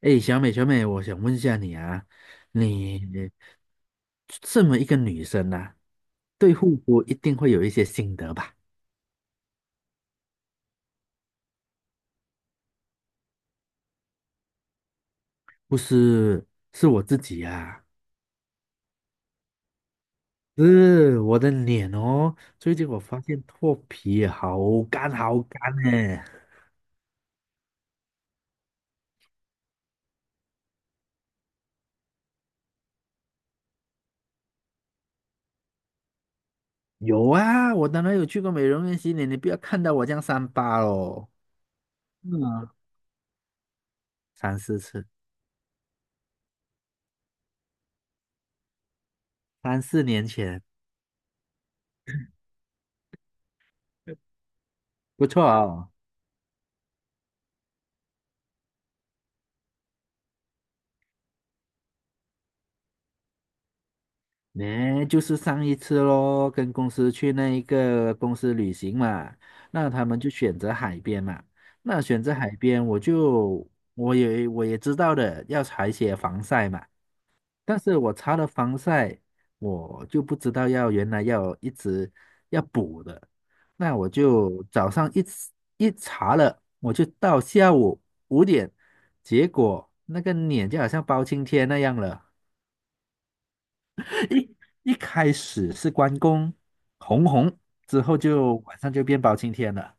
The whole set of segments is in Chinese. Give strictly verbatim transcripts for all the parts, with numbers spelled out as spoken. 哎，小美，小美，我想问一下你啊，你这么一个女生啊，对护肤一定会有一些心得吧？不是，是我自己啊，是我的脸哦。最近我发现脱皮好干好干呢。有啊，我当然有去过美容院洗脸，你不要看到我这样三八哦。嗯啊，三四次，三四年前，不错哦。呢，就是上一次咯，跟公司去那一个公司旅行嘛，那他们就选择海边嘛。那选择海边，我就我也我也知道的，要擦一些防晒嘛。但是我擦了防晒，我就不知道要原来要一直要补的。那我就早上一吃一查了，我就到下午五点，结果那个脸就好像包青天那样了。一一开始是关公红红，之后就晚上就变包青天了。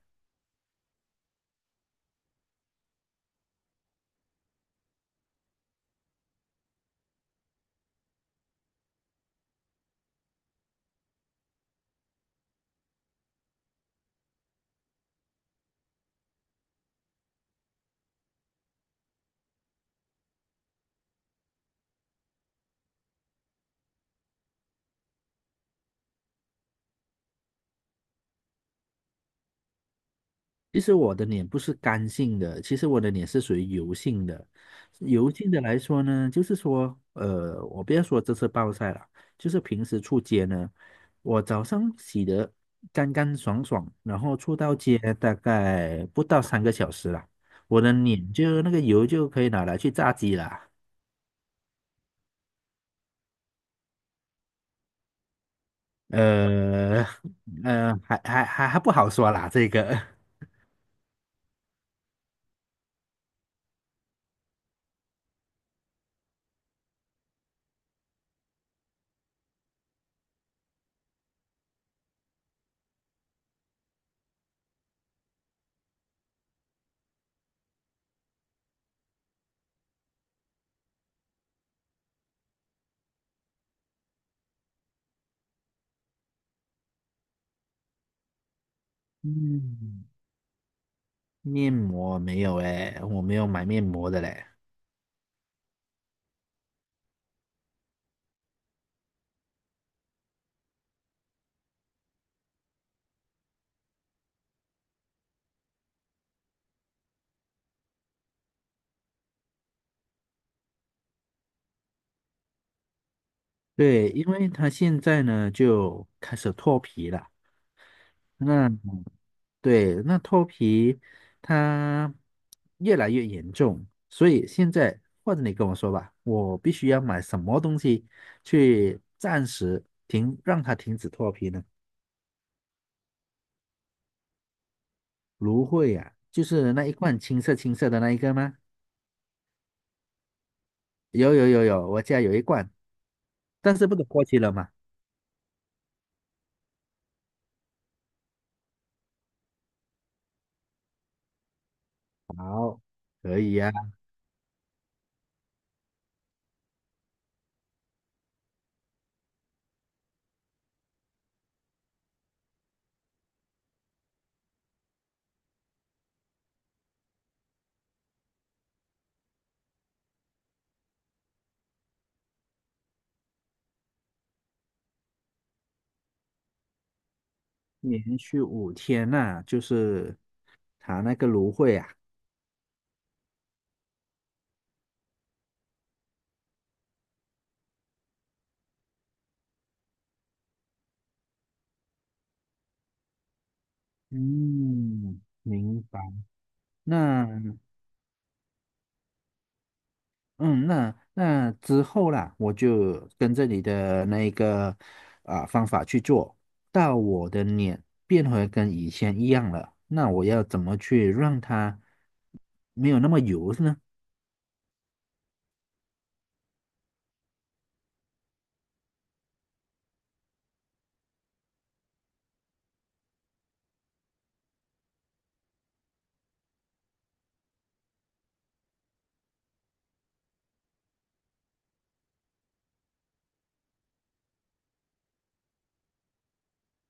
其实我的脸不是干性的，其实我的脸是属于油性的。油性的来说呢，就是说，呃，我不要说这次暴晒了，就是平时出街呢，我早上洗得干干爽爽，然后出到街大概不到三个小时了，我的脸就那个油就可以拿来去炸鸡了。呃呃，还还还还不好说啦，这个，嗯，面膜没有诶，我没有买面膜的嘞。对，因为它现在呢就开始脱皮了，那对，那脱皮它越来越严重，所以现在或者你跟我说吧，我必须要买什么东西去暂时停，让它停止脱皮呢？芦荟啊，就是那一罐青色青色的那一个吗？有有有有，我家有一罐，但是不能过期了嘛？好，可以呀、连续五天呐、就是它那个芦荟啊。嗯，明白。那嗯，那那之后啦，我就跟着你的那个啊、方法去做，到我的脸变回跟以前一样了。那我要怎么去让它没有那么油呢？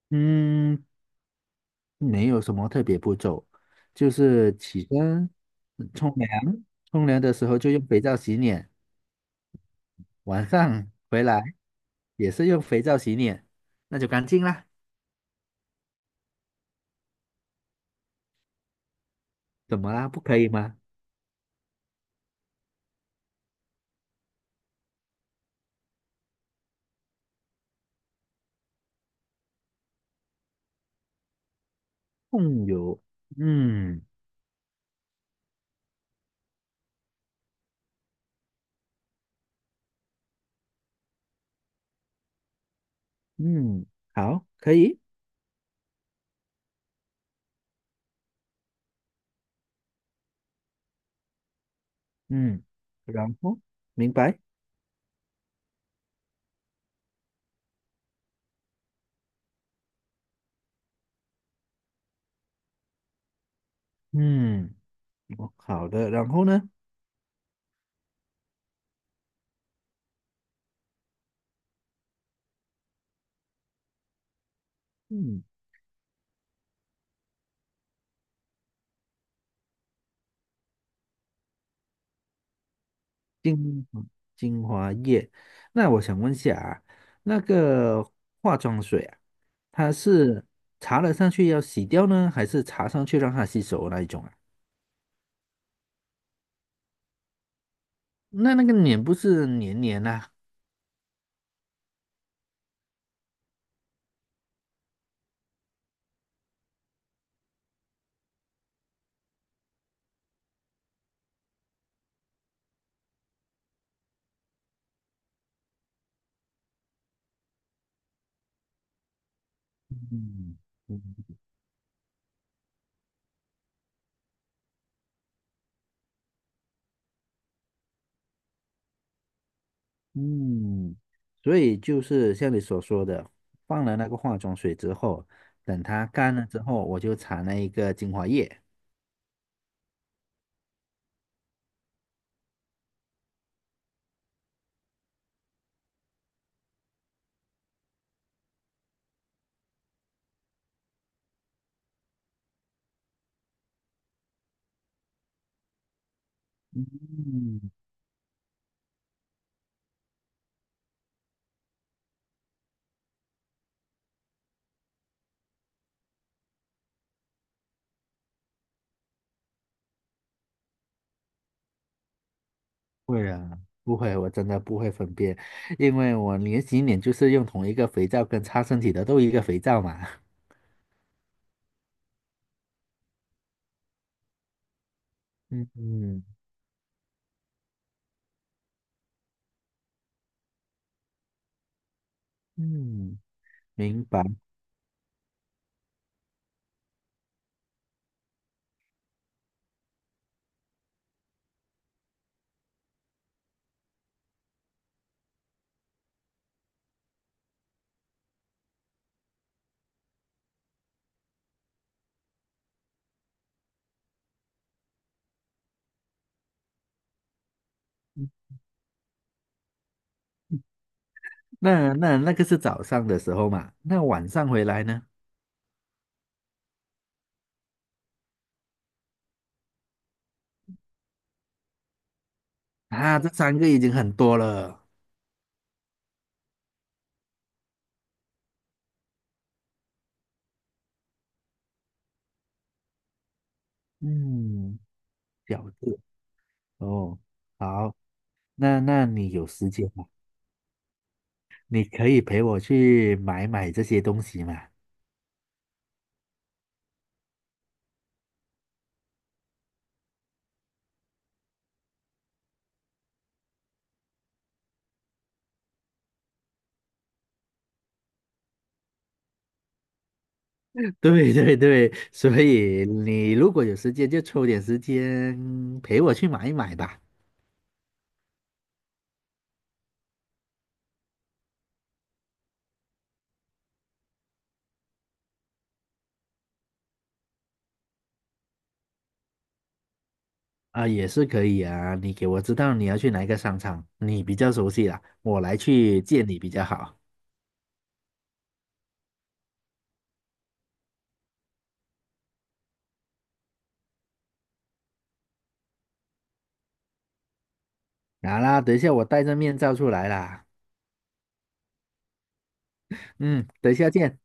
嗯，没有什么特别步骤，就是起身、冲凉，冲凉的时候就用肥皂洗脸，晚上回来也是用肥皂洗脸，那就干净啦。怎么啦？不可以吗？控油，嗯嗯，好，可以，嗯，然后明白，嗯，哦好的，然后呢？嗯，精精华液，那我想问一下啊，那个化妆水啊。它是擦了上去要洗掉呢，还是擦上去让它吸收那一种啊？那那个脸不是黏黏呐、嗯嗯嗯，所以就是像你所说的，放了那个化妆水之后，等它干了之后，我就擦那一个精华液。嗯，不会啊，不会，我真的不会分辨，因为我连洗脸就是用同一个肥皂跟擦身体的都一个肥皂嘛。嗯嗯嗯，明白。那那那个是早上的时候嘛，那晚上回来呢？啊，这三个已经很多了。嗯，饺子哦，好，那那你有时间吗？你可以陪我去买买这些东西嘛？对对对，所以你如果有时间，就抽点时间陪我去买一买吧。啊，也是可以啊，你给我知道你要去哪一个商场，你比较熟悉啦，我来去见你比较好。好啦，等一下我戴着面罩出来啦。嗯，等一下见。